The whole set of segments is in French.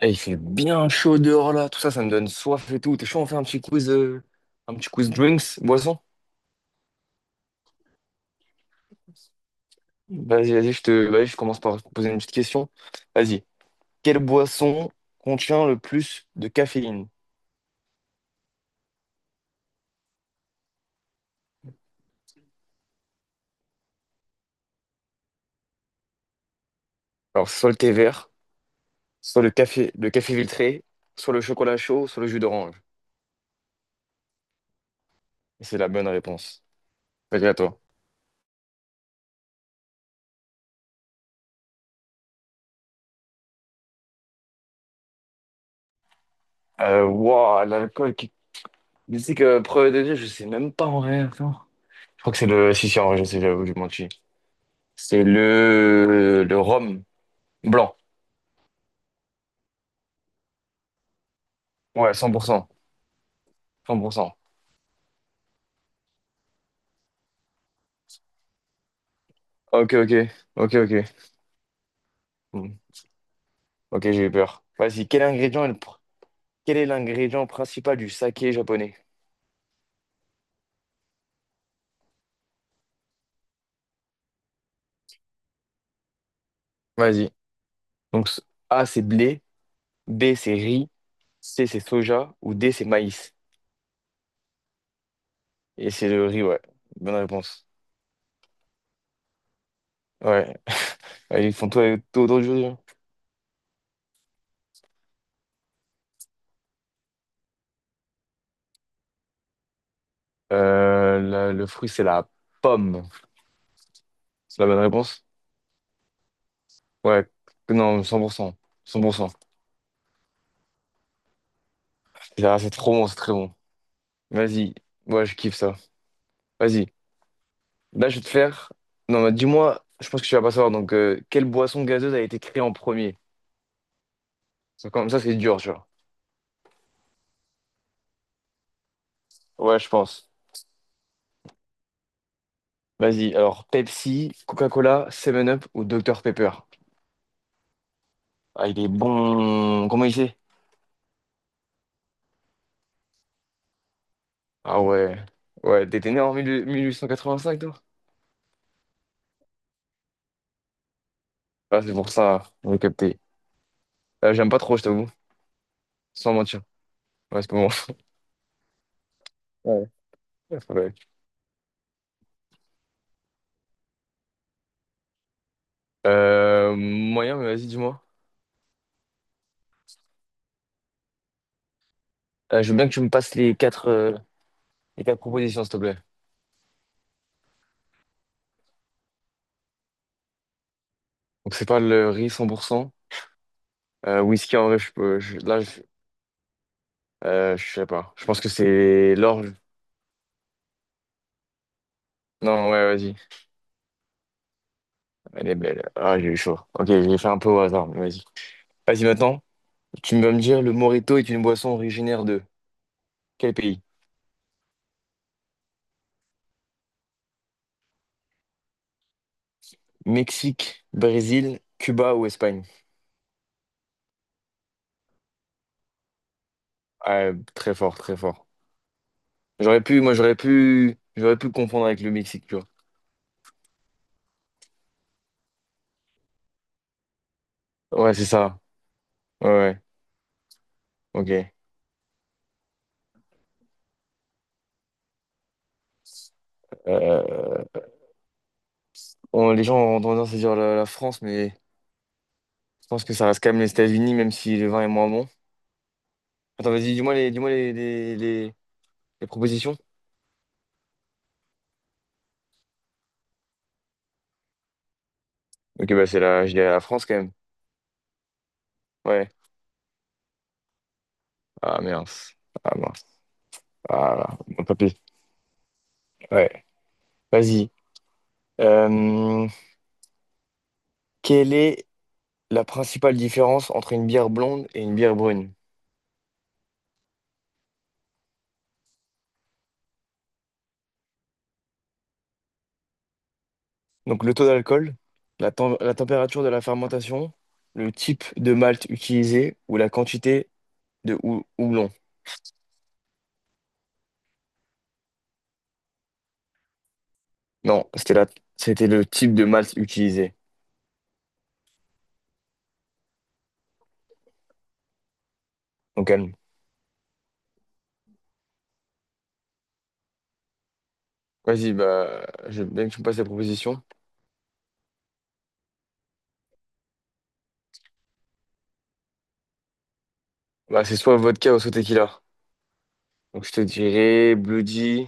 Eh, il fait bien chaud dehors là, tout ça, ça me donne soif et tout. T'es chaud, on fait un petit quiz drinks, boisson? Vas-y, vas-y, vas-y, je commence par te poser une petite question. Vas-y. Quelle boisson contient le plus de caféine? Alors, soit le thé vert, soit le café filtré, soit le chocolat chaud, soit le jus d'orange. Et c'est la bonne réponse. Vas-y, à toi. Waouh, l'alcool qui... Mais c'est que premier degré, je sais même pas en vrai. Attends. Je crois que c'est le... Si, si, en vrai, je sais, j'avoue, j'ai menti. C'est le rhum blanc. Ouais, 100%. 100%. Ok, ok. Ok, ok. Hmm. Ok, j'ai eu peur. Vas-y, quel ingrédient est le pr- quel est l'ingrédient principal du saké japonais? Vas-y. Donc, A, c'est blé. B, c'est riz. C, c'est soja. Ou D, c'est maïs. Et c'est le riz, ouais. Bonne réponse. Ouais. Ouais, ils font tout, tout autour du riz, hein. Le fruit, c'est la pomme. C'est la bonne réponse? Ouais. Non, 100%. 100%. C'est trop bon, c'est très bon. Vas-y. Ouais, je kiffe ça. Vas-y. Là, je vais te faire. Non, mais dis-moi, je pense que tu vas pas savoir. Donc, quelle boisson gazeuse a été créée en premier? Ça, comme ça, c'est dur, tu vois. Ouais, je pense. Vas-y, alors Pepsi, Coca-Cola, Seven up ou Dr Pepper? Ah, il est bon. Comment il sait? Ah ouais. Ouais, t'étais né en 18- 1885, toi? Ah, c'est pour ça, j'ai capté. J'aime pas trop, je t'avoue. Sans mentir. Ouais, c'est comment? Ouais. Ouais, c'est pas mal. Moyen, mais vas-y, dis-moi. Je veux bien que tu me passes les quatre propositions, s'il te plaît. Donc, c'est pas le riz 100%. Whisky en vrai, je peux. Je- là, je sais pas. Je pense que c'est l'orge. Non, ouais, vas-y. Elle est belle. Ah, j'ai eu chaud. Ok, je l'ai fait un peu au hasard, mais vas-y. Vas-y, maintenant, tu vas me dire le Morito est une boisson originaire de quel pays? Mexique, Brésil, Cuba ou Espagne? Ouais, très fort, très fort. J'aurais pu, moi, j'aurais pu confondre avec le Mexique, tu vois. Ouais, c'est ça. Ouais, ouais. Ok. Euh, les gens ont tendance à dire la France, mais je pense que ça reste quand même les États-Unis, même si le vin est moins bon. Attends, vas-y, dis-moi les propositions. Ok, bah c'est la, je dirais la France quand même. Ouais. Ah mince. Ah mince. Ah là. Bon, tant. Ouais. Vas-y. Euh, quelle est la principale différence entre une bière blonde et une bière brune? Donc le taux d'alcool, la température de la fermentation, le type de malt utilisé ou la quantité de houblon. Non, c'était c'était le type de malt utilisé. Donc calme. Vas-y, bah, je veux bien que tu me passes les propositions. Bah, c'est soit vodka ou soit tequila. Donc, je te dirais Bloody.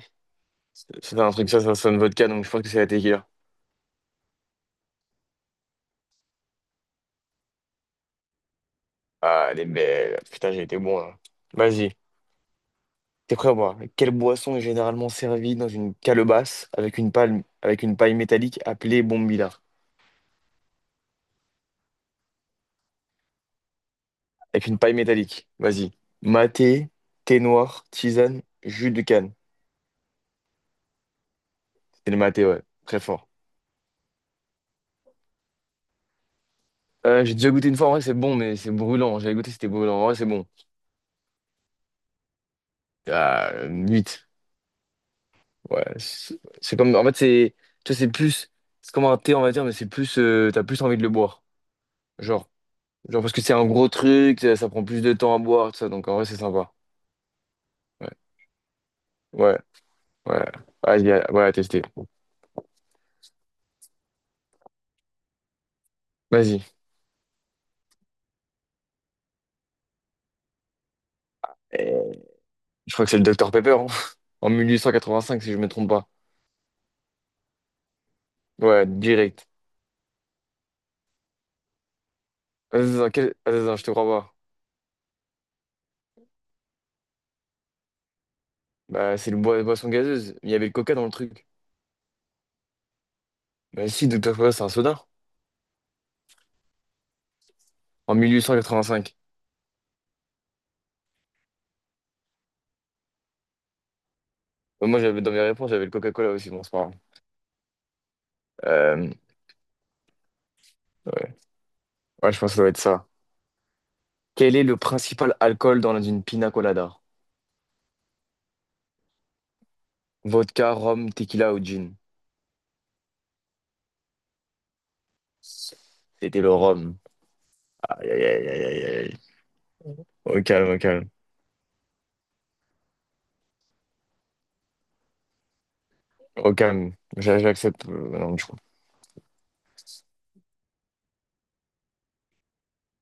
C'est un truc, ça sonne vodka, donc je pense que c'est la tequila. Ah, elle est belle. Putain, j'ai été bon, là. Vas-y. T'es prêt à boire? Quelle boisson est généralement servie dans une calebasse avec une palme, avec une paille métallique appelée bombilla? Avec une paille métallique. Vas-y. Maté, thé noir, tisane, jus de canne. C'était le maté, ouais. Très fort. J'ai déjà goûté une fois, en vrai, c'est bon, mais c'est brûlant. J'avais goûté, c'était brûlant. En vrai, c'est bon. Ah, 8. Ouais, c'est comme. En fait, c'est. Tu vois, c'est plus. C'est comme un thé, on va dire, mais c'est plus. T'as plus envie de le boire. Genre. Genre parce que c'est un gros truc, ça prend plus de temps à boire, tout ça. Donc en vrai, c'est sympa. Ouais. Ouais. Ouais. Vas-y, ouais, à tester. Vas-y. Euh, Je crois que c'est le docteur Pepper, hein. En 1885, si je me trompe pas. Ouais, direct. Vas-y, attends, attends, je te crois pas. Bah, c'est le boisson gazeuse. Il y avait le coca dans le truc. Bah, si, docteur Pepper, c'est un soda. En 1885. Bah, moi, j'avais dans mes réponses, j'avais le Coca-Cola aussi, bon, c'est pas grave. Euh, ouais. Ouais, je pense que ça doit être ça. Quel est le principal alcool dans une pina colada? Vodka, rhum, tequila ou gin? C'était le rhum. Aïe, aïe, aïe, aïe, aïe, aïe. Au calme, au calme. Au calme. J'accepte. Non, je crois.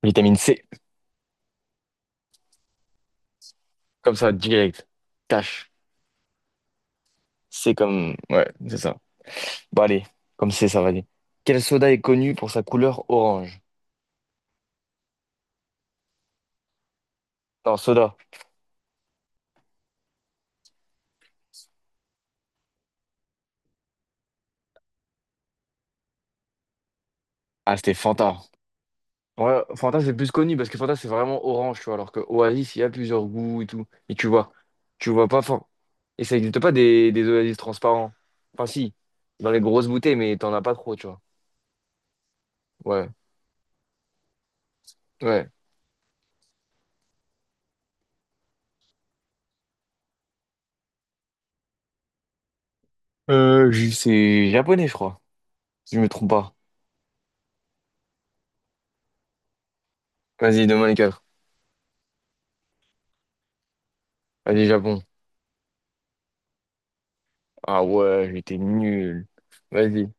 Vitamine C. Comme ça, direct. Cash. C'est comme. Ouais, c'est ça. Bon, allez. Comme c'est, ça va aller. Quel soda est connu pour sa couleur orange? Non, soda. Ah, c'était Fanta. Ouais, Fanta, c'est plus connu parce que Fanta, c'est vraiment orange, tu vois, alors que Oasis, il y a plusieurs goûts et tout. Et tu vois pas fort. Et ça n'existe pas des Oasis transparents. Enfin, si, dans les grosses bouteilles, mais t'en as pas trop, tu vois. Ouais, ouais. C'est japonais, je crois, si je me trompe pas. Vas-y, demain les quatre. Vas-y, Japon. Ah ouais, j'étais nul. Vas-y.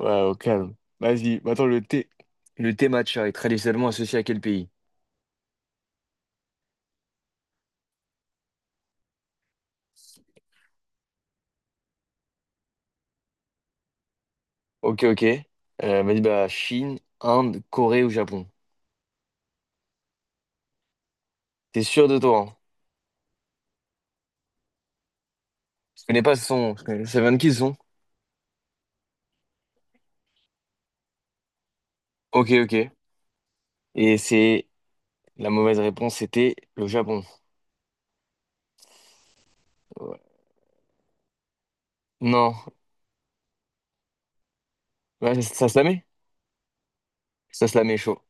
Ouais, au calme. Vas-y. Attends, le thé. Le thé matcha est traditionnellement associé à quel pays? Ok, ok. Vas-y, bah, Chine, Inde, Corée ou Japon? T'es sûr de toi, hein? Je connais pas ce son. Je sais même qui ce son. Ok, ok. Et c'est... La mauvaise réponse, c'était le Japon. Ouais. Non. Ouais, ça se la met? Ça se la met chaud.